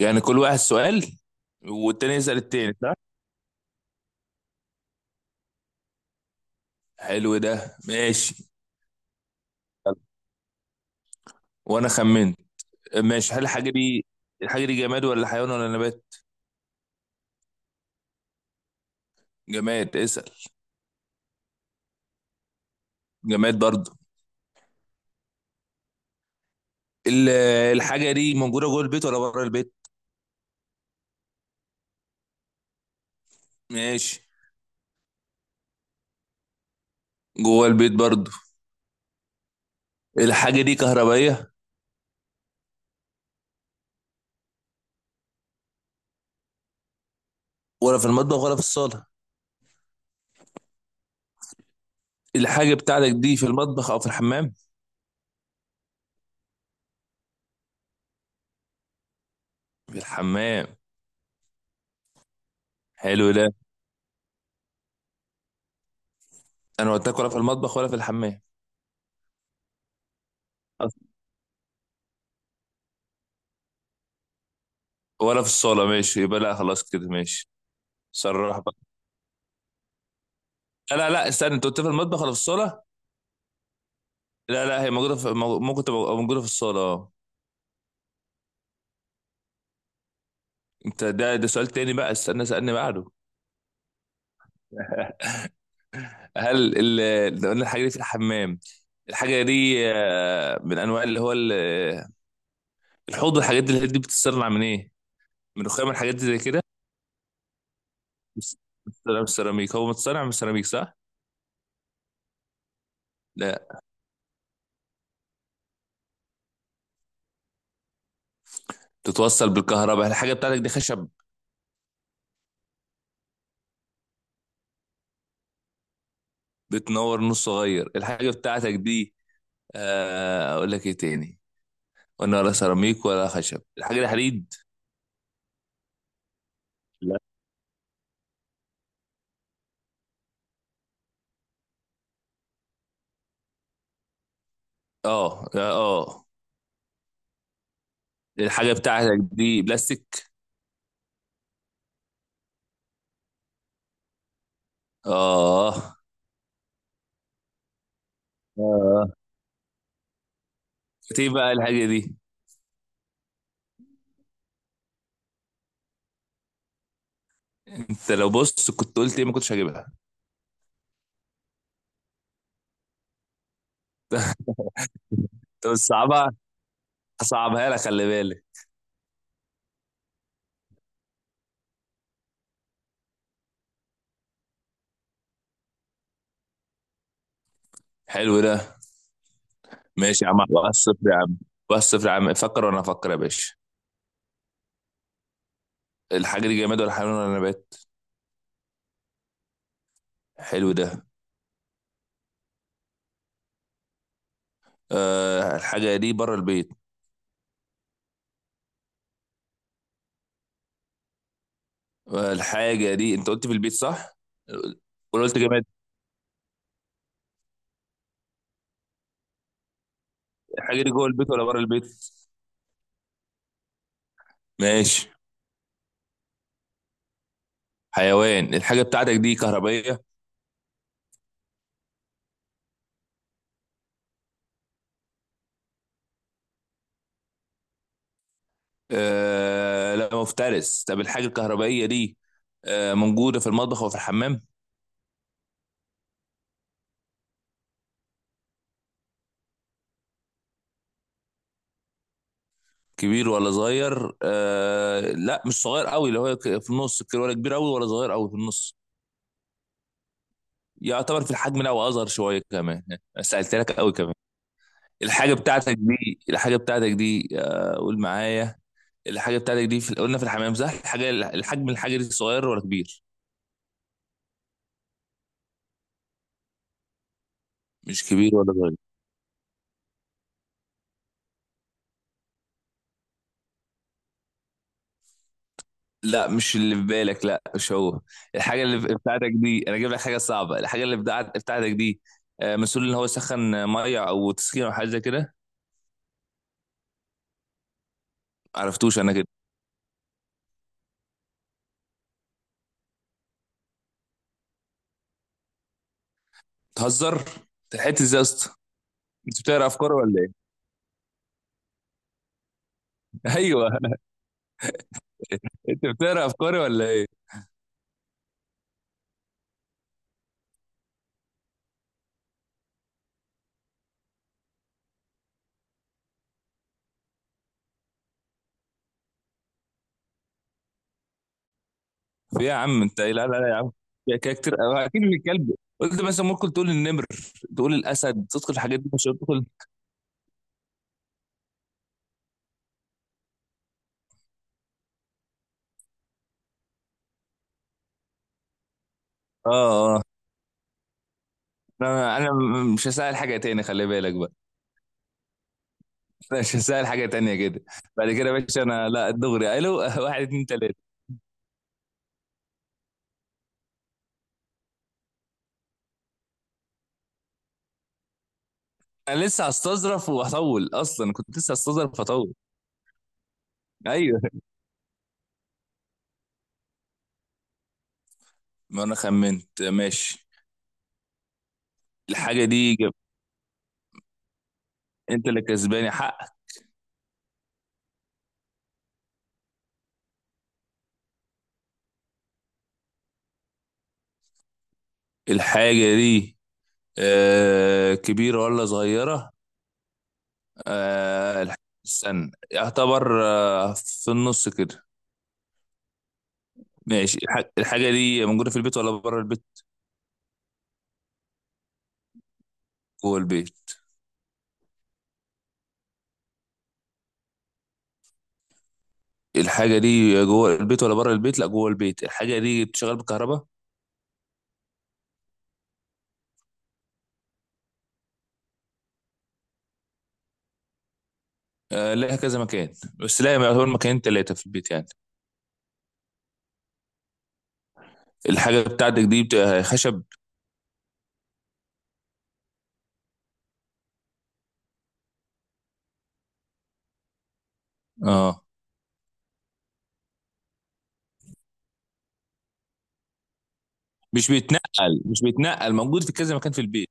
يعني كل واحد سؤال، والتاني يسأل التاني صح؟ حلو ده، ماشي. وانا خمنت. ماشي، هل الحاجة دي الحاجة دي جماد ولا حيوان ولا نبات؟ جماد، اسأل. جماد برضه. ال- الحاجة دي موجودة جوه البيت ولا بره البيت؟ ماشي. جوه البيت برضه. الحاجة دي كهربائية؟ ولا في المطبخ ولا في الصالة؟ الحاجة بتاعتك دي في المطبخ أو في الحمام؟ في الحمام. حلو ده. أنا قلت لك ولا في المطبخ ولا في الحمام ولا في الصالة، ماشي يبقى لا، خلاص كده ماشي. صرح. لا لا لا استنى، انت قلت في المطبخ ولا في الصاله. لا لا، هي موجوده في ممكن تبقى موجوده في الصاله، اه. انت ده سؤال تاني بقى، استنى سألني بعده. هل اللي قلنا الحاجه دي في الحمام، الحاجه دي آه، من انواع اللي هو الحوض والحاجات دي، الحاجات دي بتتصنع من ايه؟ من رخام الحاجات دي زي كده؟ بس- بتتصنع من السيراميك، هو متصنع من السيراميك صح؟ لا. بتتوصل بالكهرباء، الحاجه بتاعتك دي خشب؟ بتنور نور صغير الحاجه بتاعتك دي، آه، اقول لك ايه تاني، قلنا ولا سيراميك ولا خشب، الحاجه دي حديد؟ لا. اه لا، اه. الحاجة بتاعتك دي بلاستيك؟ اه. اه كانت ايه بقى الحاجة دي؟ انت لو بص كنت قلت ايه ما كنتش هجيبها. طب صعبها، هصعبها لك خلي بالك. حلو ده. ماشي يا عم، واحد صفر يا عم، واحد صفر يا عم. فكر وانا افكر يا باشا. الحاجة دي جماد ولا حيوان ولا نبات؟ حلو ده. آه الحاجة دي بره البيت. آه الحاجة دي انت قلت في البيت صح؟ ولا قلت جماد؟ الحاجة دي جوه البيت ولا بره البيت؟ ماشي. حيوان. الحاجة بتاعتك دي كهربائية؟ آه لا مفترس. طب الحاجة الكهربائية دي آه موجودة في المطبخ وفي الحمام. كبير ولا صغير؟ آه لا مش صغير قوي، اللي هو في النص كده، ولا كبير قوي ولا صغير قوي، في النص. يعتبر في الحجم ده واصغر شوية كمان. سألت لك قوي كمان. الحاجة بتاعتك دي الحاجة بتاعتك دي آه قول معايا، الحاجة بتاعتك دي في قلنا في الحمام صح؟ الحاجة الحجم، الحاجة دي صغير ولا كبير؟ مش كبير ولا صغير. لا مش اللي في بالك، لا مش هو. الحاجة اللي بتاعتك دي، أنا أجيب لك حاجة صعبة، الحاجة اللي بتاعتك دي آه، مسؤول إن هو يسخن، آه، مية أو تسخين أو حاجة زي كده. معرفتوش أنا كده. تهزر. تلحقت إزاي يا اسطى؟ أنت بتقرا أفكاري ولا إيه؟ أيوه. أنت بتقرا أفكاري ولا إيه؟ في إيه يا عم أنت، لا لا لا يا عم، يا كاركتر أو أكيد من الكلب قلت، مثلا ممكن تقول النمر، تقول الأسد، تدخل الحاجات دي، مش هتدخل. آه آه. أنا مش هسأل حاجة تاني، خلي بالك بقى. ماشي، سهل حاجة تانية كده. بعد كده يا باشا انا لا دغري الو. واحد اتنين تلاتة. انا لسه هستظرف وهطول، اصلا كنت لسه هستظرف وهطول. ايوه. ما انا خمنت، ماشي. الحاجة دي جب. انت اللي كسباني حقك. الحاجة دي آه كبيرة ولا صغيرة؟ آه استنى، يعتبر آه في النص كده. ماشي، الحاجة دي موجودة في البيت ولا بره البيت؟ جوه البيت. الحاجة دي جوه البيت ولا بره البيت؟ لا جوه البيت، الحاجة دي بتشتغل بالكهرباء؟ آه، لها كذا مكان، بس لا، يعتبر مكانين تلاتة في البيت يعني. الحاجة بتاعتك دي بتبقى خشب؟ اه. مش بيتنقل، موجود في كذا مكان في البيت.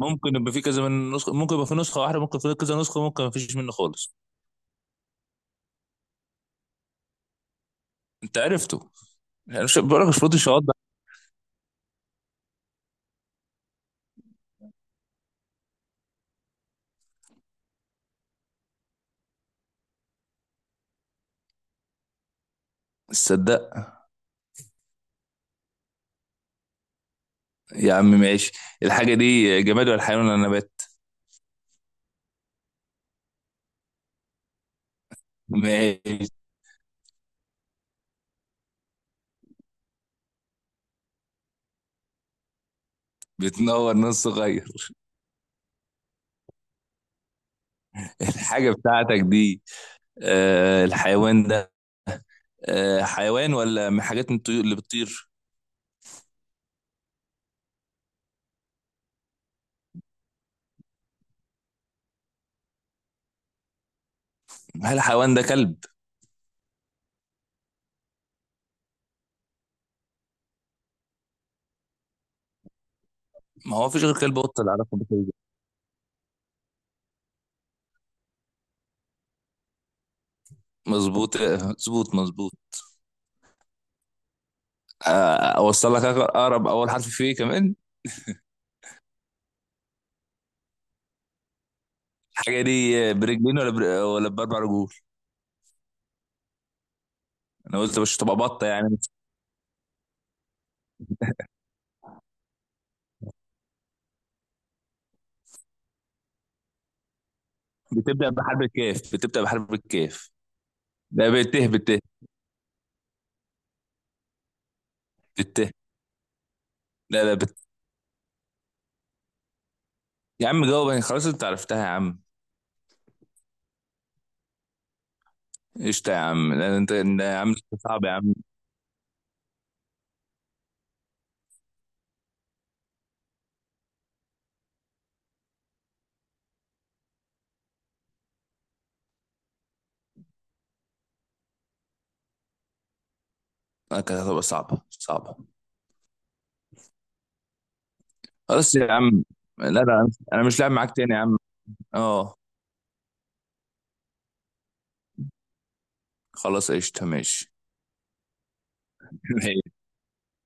ممكن يبقى في كذا من نسخة، ممكن يبقى في نسخة واحدة، ممكن في كذا نسخة، ممكن ما فيش منه خالص. انت عرفته، يعني مش بقولك مش فاضي شواطئ. تصدق. يا عم ماشي. الحاجة دي جماد ولا حيوان ولا نبات؟ ماشي. بتنور نص صغير. الحاجة بتاعتك دي آه الحيوان ده آه حيوان ولا من حاجات الطيور اللي بتطير؟ هل الحيوان ده كلب؟ ما هو فيش غير كلب قط اللي علاقه بكده. مظبوط مظبوط مظبوط. آه، اوصل لك اقرب اول حرف فيه كمان. الحاجه دي برجلين ولا ولا باربع رجول؟ انا قلت مش تبقى بطه يعني. بتبدا بحرف الكاف، بتبدا بحرف الكاف. لا بته بته. بته لا لا يا عم جاوب يعني، خلاص انت عرفتها يا عم. قشطة يا عم. لا انت، لا يا عم، انت صعب يا عم. لا، كانت هتبقى صعبة صعبة. خلاص يا عم. لا لا انا مش لاعب معاك تاني يا عم. اه، خلاص قشطة ماشي.